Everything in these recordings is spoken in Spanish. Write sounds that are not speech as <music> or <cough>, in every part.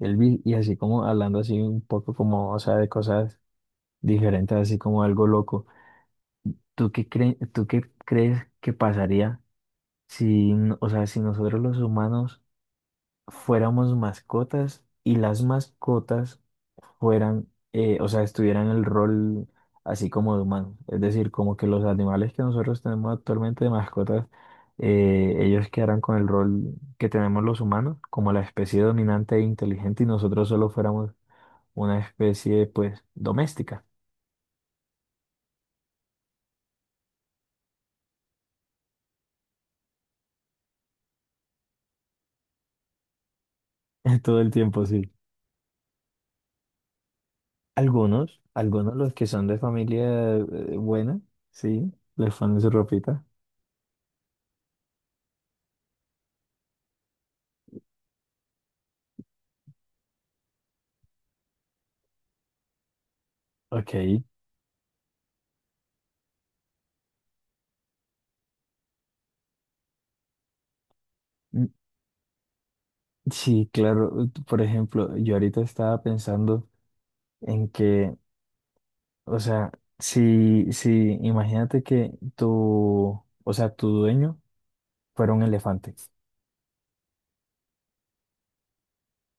Elvis, y así como hablando así un poco como, o sea, de cosas diferentes, así como algo loco. Tú qué crees que pasaría si nosotros los humanos fuéramos mascotas y las mascotas estuvieran el rol así como de humanos? Es decir, como que los animales que nosotros tenemos actualmente de mascotas, ellos quedaran con el rol que tenemos los humanos, como la especie dominante e inteligente y nosotros solo fuéramos una especie, pues, doméstica <laughs> todo el tiempo, sí. Algunos, algunos los que son de familia buena, sí, les ponen su ropita. Ok. Mm, sí, claro. Por ejemplo, yo ahorita estaba pensando en que, o sea, si, si, imagínate que tu dueño fuera un elefante.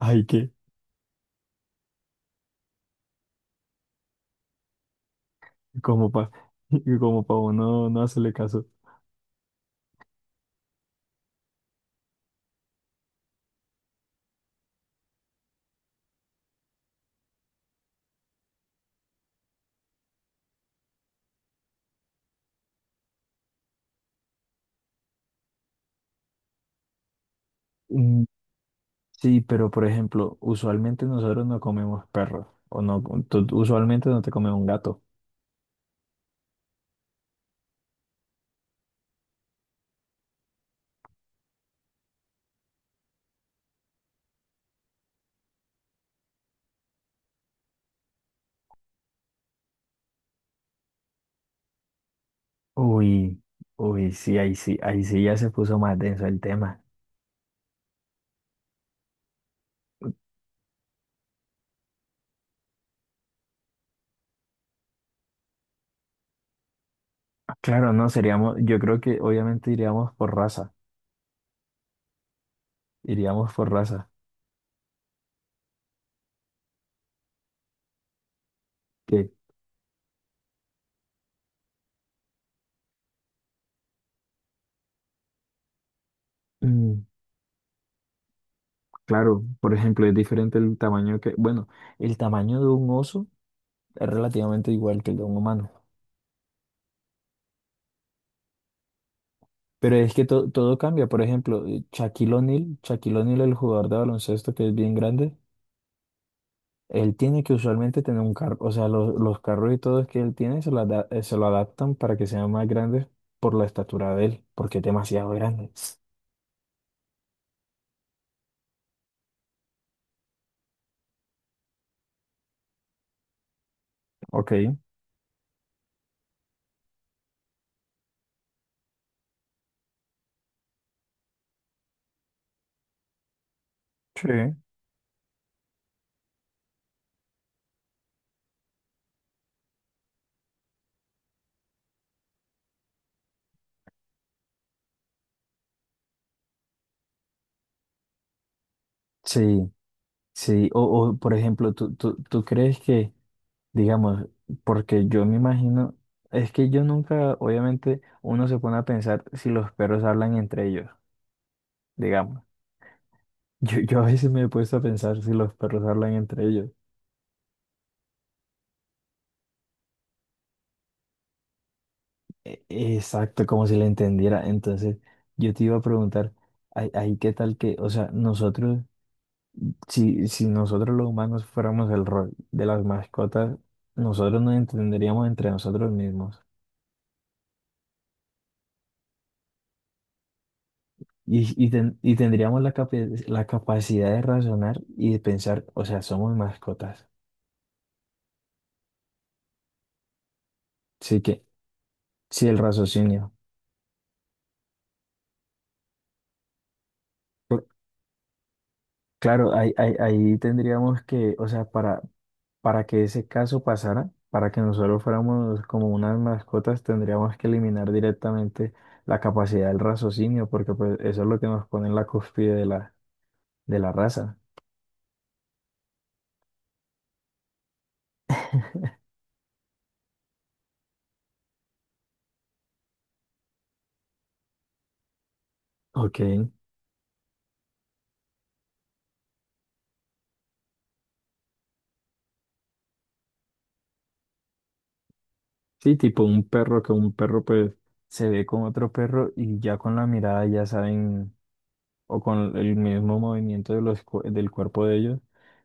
Ay, ¿qué? Como pa, <laughs> como pa uno no hacerle caso. Sí, pero por ejemplo, usualmente nosotros no comemos perros, o no, usualmente no te comes un gato. Uy, uy, sí, ahí sí, ahí sí ya se puso más denso el tema. Claro, no, seríamos, yo creo que obviamente iríamos por raza, que mm, claro, por ejemplo, es diferente el tamaño que, bueno, el tamaño de un oso es relativamente igual que el de un humano, pero es que todo cambia, por ejemplo, Shaquille O'Neal, Shaquille O'Neal, el jugador de baloncesto que es bien grande. Él tiene que usualmente tener un carro, o sea, los carros y todo que él tiene se lo adaptan para que sean más grandes por la estatura de él, porque es demasiado grande. Ok, sí. Sí, sí. O, por ejemplo, ¿tú crees que, digamos, porque yo me imagino, es que yo nunca, obviamente, uno se pone a pensar si los perros hablan entre ellos, digamos. <laughs> Yo a veces me he puesto a pensar si los perros hablan entre ellos. Exacto, como si le entendiera. Entonces, yo te iba a preguntar, ahí qué tal que, o sea, nosotros, si, si nosotros los humanos fuéramos el rol de las mascotas, nosotros nos entenderíamos entre nosotros mismos y, y tendríamos la capacidad de razonar y de pensar, o sea, somos mascotas. Así que, sí, el raciocinio. Claro, ahí tendríamos que, o sea, para que ese caso pasara, para que nosotros fuéramos como unas mascotas, tendríamos que eliminar directamente la capacidad del raciocinio, porque pues eso es lo que nos pone en la cúspide de la raza. Ok. Sí, tipo un perro, que un perro pues se ve con otro perro y ya con la mirada ya saben, o con el mismo movimiento de del cuerpo de ellos,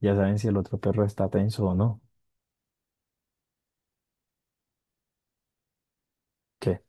ya saben si el otro perro está tenso o no. ¿Qué?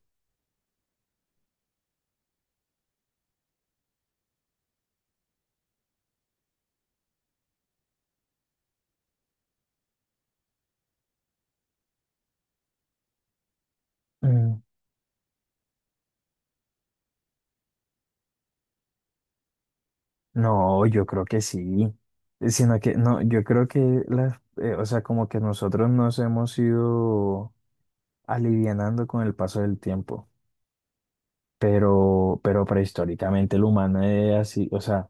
No, yo creo que sí, sino que no, yo creo que como que nosotros nos hemos ido alivianando con el paso del tiempo, pero prehistóricamente el humano es así, o sea,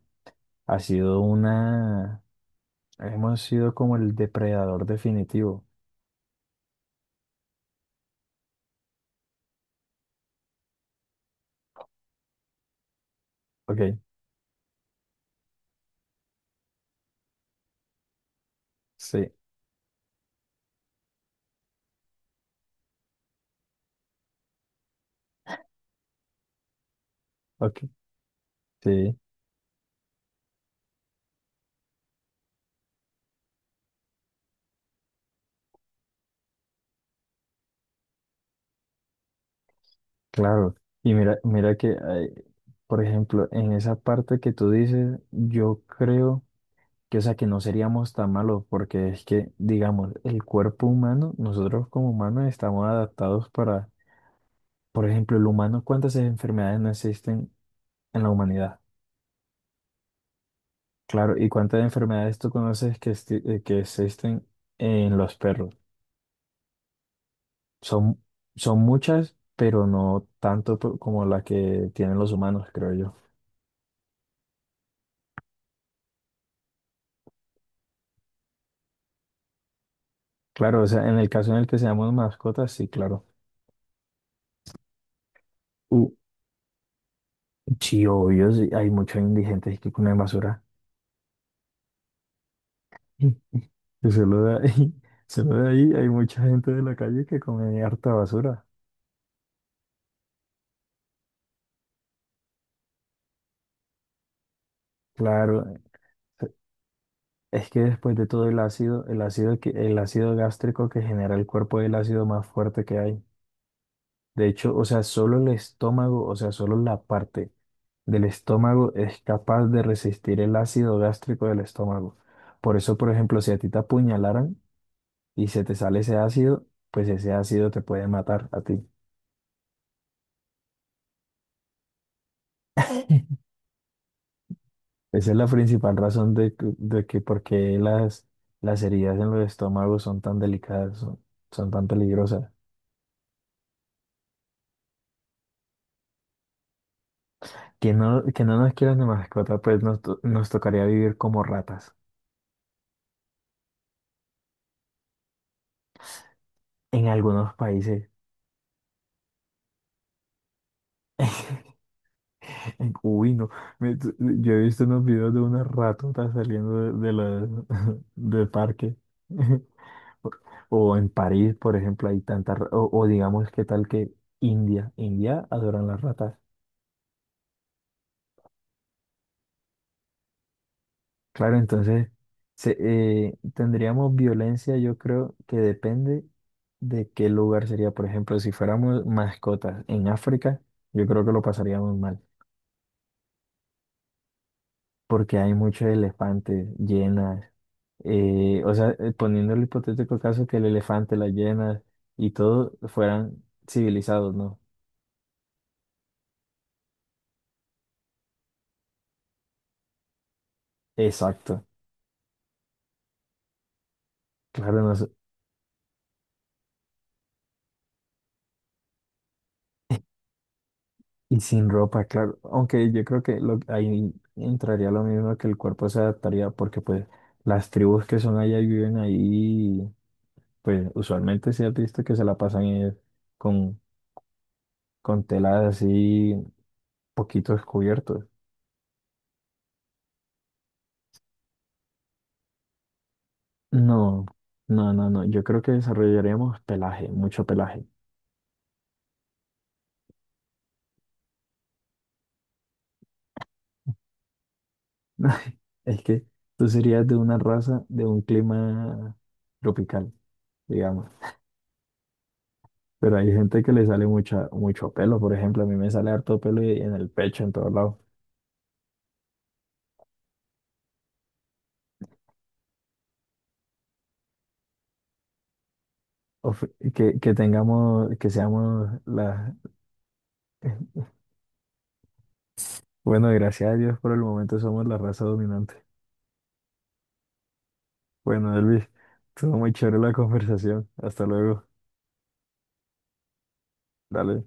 ha sido una, hemos sido como el depredador definitivo, ok, sí, ok, sí, claro, y mira, por ejemplo, en esa parte que tú dices, yo creo que, o sea, que no seríamos tan malos, porque es que, digamos, el cuerpo humano, nosotros como humanos estamos adaptados para, por ejemplo, el humano, ¿cuántas enfermedades no existen en la humanidad? Claro, ¿y cuántas enfermedades tú conoces que existen en los perros? Son, son muchas, pero no tanto como la que tienen los humanos, creo yo. Claro, o sea, en el caso en el que seamos mascotas, sí, claro. Uh, sí, obvio, sí, hay muchos indigentes que comen basura. Y solo de ahí, <laughs> solo de ahí hay mucha gente de la calle que come harta basura. Claro, e, es que después de todo el ácido, el ácido gástrico que genera el cuerpo es el ácido más fuerte que hay. De hecho, o sea, solo el estómago, o sea, solo la parte del estómago es capaz de resistir el ácido gástrico del estómago. Por eso, por ejemplo, si a ti te apuñalaran y se te sale ese ácido, pues ese ácido te puede matar a ti. <laughs> Esa es la principal razón de que por qué las heridas en los estómagos son tan delicadas, son, son tan peligrosas. Que no nos quieran de mascota, pues nos tocaría vivir como ratas en algunos países. <laughs> Uy, no. Yo he visto unos videos de unas ratotas saliendo de, <laughs> del parque. <laughs> O en París, por ejemplo, hay tantas... O, o digamos, ¿qué tal que India? India adoran las ratas. Claro, entonces tendríamos violencia, yo creo que depende de qué lugar sería. Por ejemplo, si fuéramos mascotas en África, yo creo que lo pasaríamos mal, porque hay muchos elefantes, llenas, poniendo el hipotético caso que el elefante, las llenas y todo fueran civilizados, ¿no? Exacto. Claro, y sin ropa, claro. Aunque yo creo que ahí entraría lo mismo que el cuerpo se adaptaría porque pues las tribus que son allá y viven ahí, pues usualmente sí has visto que se la pasan con, con telas así poquitos cubiertos. No, no, no, no. Yo creo que desarrollaríamos pelaje, mucho pelaje. <laughs> Es que tú serías de una raza, de un clima tropical, digamos. Pero hay gente que le sale mucha, mucho pelo, por ejemplo, a mí me sale harto pelo en el pecho, en todos lados. O que tengamos, que seamos la... <laughs> Bueno, gracias a Dios por el momento somos la raza dominante. Bueno, Elvis, estuvo muy chévere la <laughs> conversación. Hasta luego. Dale.